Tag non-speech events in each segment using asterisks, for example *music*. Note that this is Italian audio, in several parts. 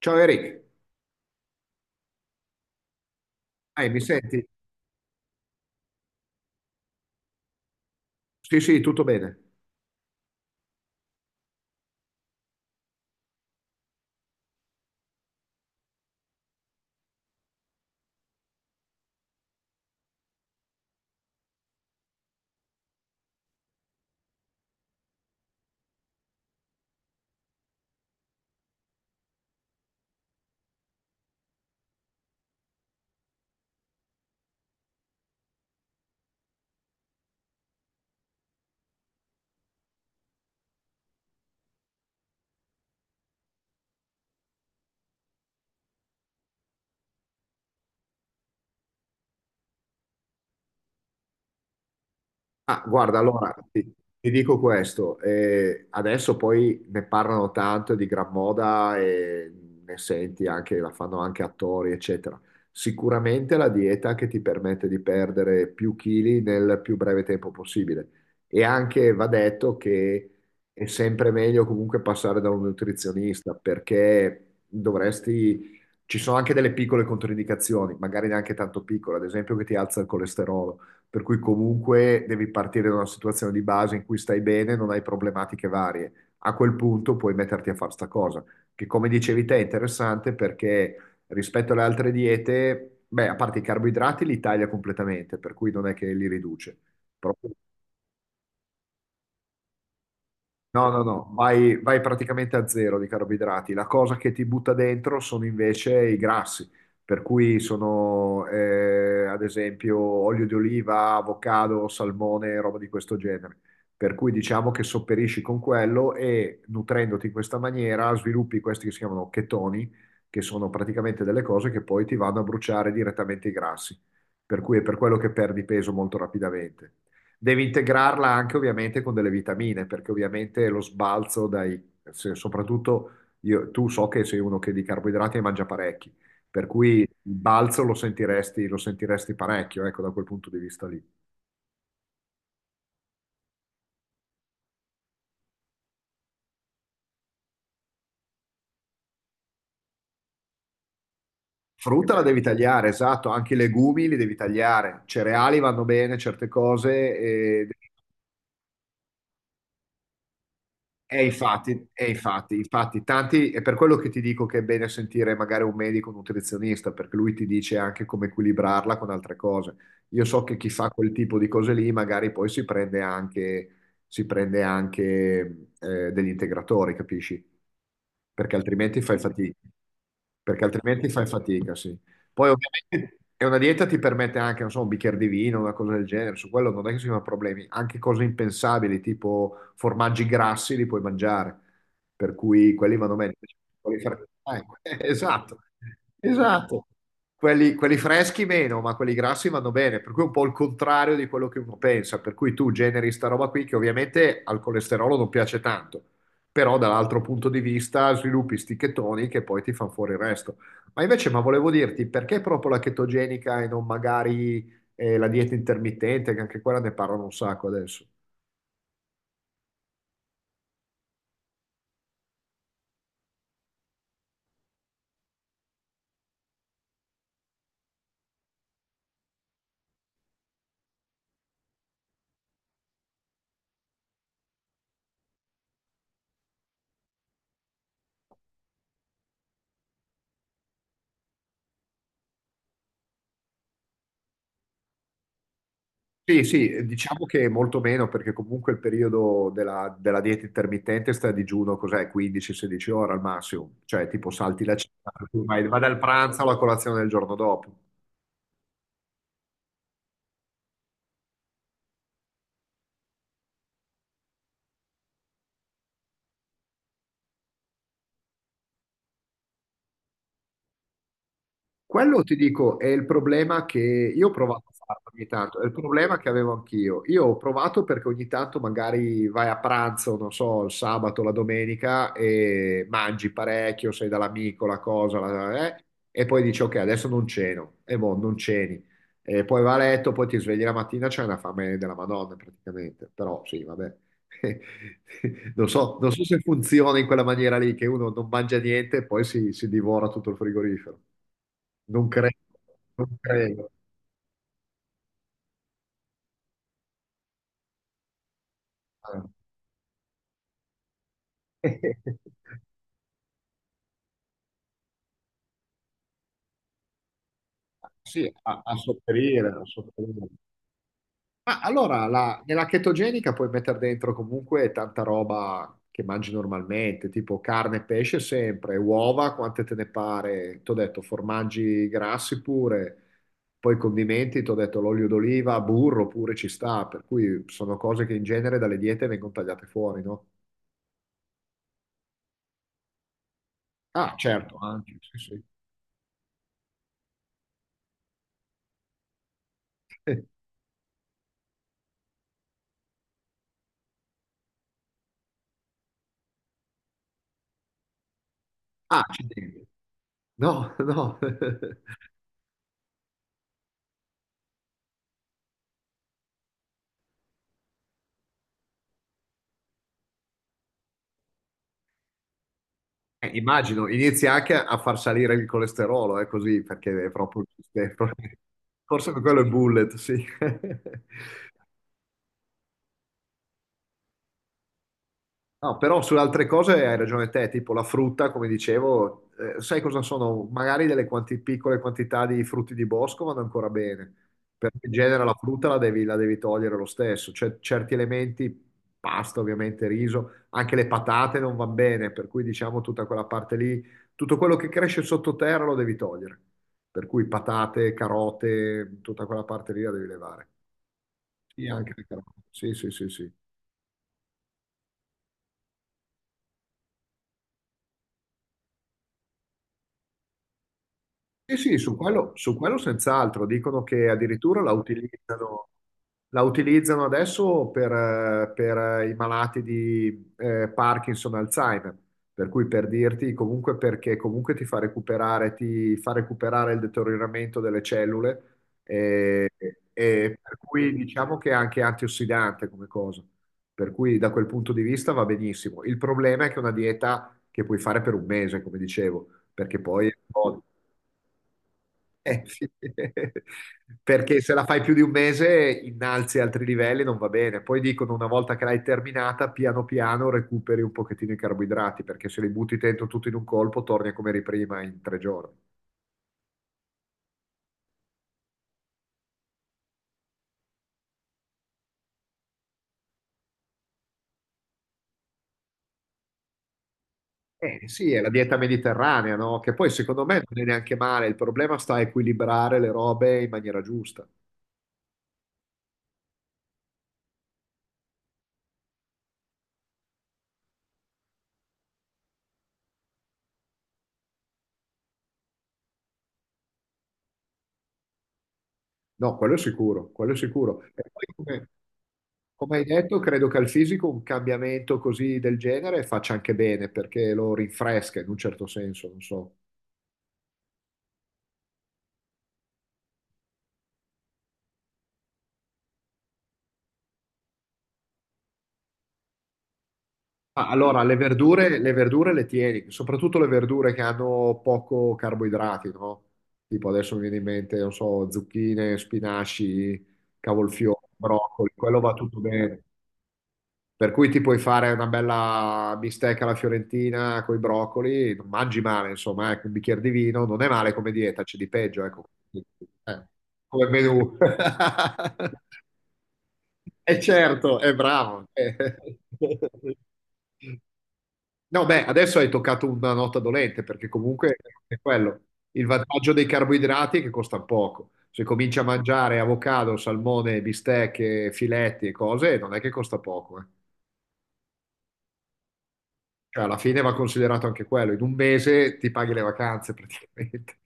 Ciao Eric, mi senti? Sì, sì, tutto bene. Ah, guarda, ti dico questo, adesso poi ne parlano tanto di gran moda e ne senti anche, la fanno anche attori, eccetera. Sicuramente la dieta che ti permette di perdere più chili nel più breve tempo possibile. E anche va detto che è sempre meglio comunque passare da un nutrizionista perché dovresti... Ci sono anche delle piccole controindicazioni, magari neanche tanto piccole, ad esempio che ti alza il colesterolo, per cui comunque devi partire da una situazione di base in cui stai bene, non hai problematiche varie. A quel punto puoi metterti a fare sta cosa, che come dicevi te è interessante perché rispetto alle altre diete, beh, a parte i carboidrati li taglia completamente, per cui non è che li riduce. Però no, no, no, vai, vai praticamente a zero di carboidrati. La cosa che ti butta dentro sono invece i grassi, per cui sono ad esempio olio di oliva, avocado, salmone, roba di questo genere. Per cui diciamo che sopperisci con quello e nutrendoti in questa maniera sviluppi questi che si chiamano chetoni, che sono praticamente delle cose che poi ti vanno a bruciare direttamente i grassi. Per cui è per quello che perdi peso molto rapidamente. Devi integrarla anche ovviamente con delle vitamine, perché ovviamente lo sbalzo dai, soprattutto io, tu so che sei uno che di carboidrati ne mangia parecchi, per cui il balzo lo sentiresti parecchio, ecco, da quel punto di vista lì. Frutta la devi tagliare, esatto, anche i legumi li devi tagliare, cereali vanno bene, certe cose, e infatti, e infatti, tanti, è per quello che ti dico che è bene sentire magari un medico, un nutrizionista, perché lui ti dice anche come equilibrarla con altre cose. Io so che chi fa quel tipo di cose lì magari poi si prende anche degli integratori, capisci? Perché altrimenti fai fatica. Perché altrimenti fai fatica, sì. Poi ovviamente è una dieta ti permette anche, non so, un bicchiere di vino, una cosa del genere, su quello non è che si sono problemi, anche cose impensabili, tipo formaggi grassi li puoi mangiare, per cui quelli vanno bene. Invece quelli *laughs* esatto, esatto. Quelli freschi meno, ma quelli grassi vanno bene, per cui è un po' il contrario di quello che uno pensa, per cui tu generi sta roba qui che ovviamente al colesterolo non piace tanto, però dall'altro punto di vista sviluppi sti chetoni che poi ti fanno fuori il resto. Ma invece, ma volevo dirti, perché proprio la chetogenica e non magari la dieta intermittente, che anche quella ne parlano un sacco adesso? Sì, sì, diciamo che molto meno, perché comunque il periodo della dieta intermittente sta a digiuno, cos'è, 15-16 ore al massimo, cioè tipo salti la cena, vai, vai dal pranzo alla colazione del giorno dopo. Quello ti dico è il problema che io ho provato a farlo ogni tanto, è il problema che avevo anch'io. Io ho provato perché ogni tanto magari vai a pranzo, non so, il sabato, la domenica e mangi parecchio, sei dall'amico, la cosa, e poi dici ok, adesso non ceno, e boh, non ceni. E poi va a letto, poi ti svegli la mattina, c'è una fame della Madonna praticamente, però sì, vabbè. *laughs* Non so, non so se funziona in quella maniera lì, che uno non mangia niente e poi si divora tutto il frigorifero. Non credo, non credo. Ah. *laughs* Sì, a, a sopperire, a sopperire. Ma allora, nella chetogenica puoi mettere dentro comunque tanta roba che mangi normalmente, tipo carne e pesce sempre, uova, quante te ne pare. T'ho detto, formaggi grassi pure, poi condimenti, t'ho detto l'olio d'oliva, burro pure ci sta, per cui sono cose che in genere dalle diete vengono tagliate fuori, no? Ah, certo, anche, sì, sì. *laughs* Ah, accidenti. No, no. *laughs* Immagino, inizia anche a far salire il colesterolo, è così, perché è proprio... il sistema. *laughs* Forse per quello è bullet, sì. *laughs* No, però sulle altre cose hai ragione te, tipo la frutta, come dicevo, sai cosa sono? Magari delle piccole quantità di frutti di bosco vanno ancora bene, perché in genere la frutta la devi togliere lo stesso, c'è certi elementi, pasta ovviamente, riso, anche le patate non vanno bene, per cui diciamo tutta quella parte lì, tutto quello che cresce sottoterra lo devi togliere, per cui patate, carote, tutta quella parte lì la devi levare. Sì, anche le carote, sì, sì, sì, sì. Sì, sì, su quello senz'altro. Dicono che addirittura la utilizzano adesso per, i malati di Parkinson, Alzheimer. Per cui per dirti, comunque perché comunque ti fa recuperare il deterioramento delle cellule e, e per cui diciamo che è anche antiossidante come cosa. Per cui da quel punto di vista va benissimo. Il problema è che è una dieta che puoi fare per 1 mese, come dicevo perché poi sì. *laughs* Perché se la fai più di 1 mese innalzi altri livelli, non va bene. Poi dicono una volta che l'hai terminata, piano piano recuperi un pochettino i carboidrati, perché se li butti dentro tutto in un colpo, torni a come eri prima in 3 giorni. Eh sì, è la dieta mediterranea, no? Che poi secondo me non è neanche male, il problema sta a equilibrare le robe in maniera giusta. No, quello è sicuro, quello è sicuro. E poi come hai detto, credo che al fisico un cambiamento così del genere faccia anche bene perché lo rinfresca in un certo senso, non so. Ah, allora, le verdure, le verdure le tieni, soprattutto le verdure che hanno poco carboidrati, no? Tipo adesso mi viene in mente, non so, zucchine, spinaci, cavolfiore, broccoli, quello va tutto bene. Per cui ti puoi fare una bella bistecca alla fiorentina con i broccoli, non mangi male, insomma, ecco, un bicchiere di vino, non è male come dieta, c'è di peggio, ecco, eh, come menù. *laughs* E certo, è bravo. No, beh, adesso hai toccato una nota dolente, perché comunque è quello. Il vantaggio dei carboidrati è che costa poco. Se cominci a mangiare avocado, salmone, bistecche, filetti e cose, non è che costa poco, eh. Cioè, alla fine va considerato anche quello, in 1 mese ti paghi le vacanze *laughs* praticamente.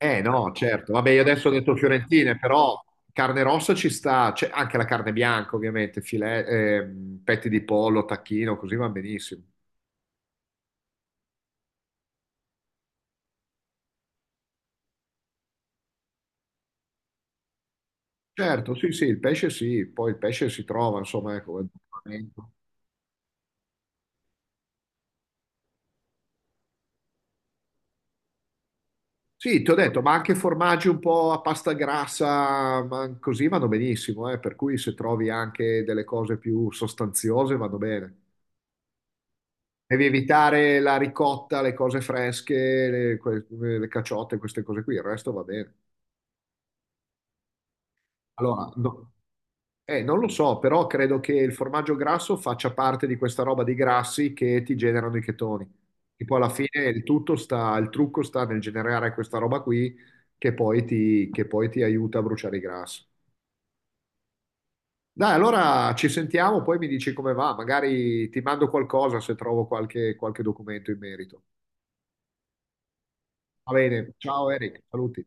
Eh no, certo, vabbè io adesso ho detto fiorentine, però carne rossa ci sta, c'è anche la carne bianca ovviamente, filet, petti di pollo, tacchino, così va benissimo. Certo, sì, sì, il pesce sì, poi il pesce si trova, insomma, ecco. È un momento. Sì, ti ho detto, ma anche formaggi un po' a pasta grassa, ma così vanno benissimo, per cui se trovi anche delle cose più sostanziose vanno bene. Devi evitare la ricotta, le cose fresche, le, le caciotte, queste cose qui, il resto va bene. Allora, non lo so, però credo che il formaggio grasso faccia parte di questa roba di grassi che ti generano i chetoni. E poi alla fine il tutto sta, il trucco sta nel generare questa roba qui che poi ti aiuta a bruciare i grassi. Dai, allora ci sentiamo, poi mi dici come va, magari ti mando qualcosa se trovo qualche documento in merito. Va bene, ciao Eric, saluti.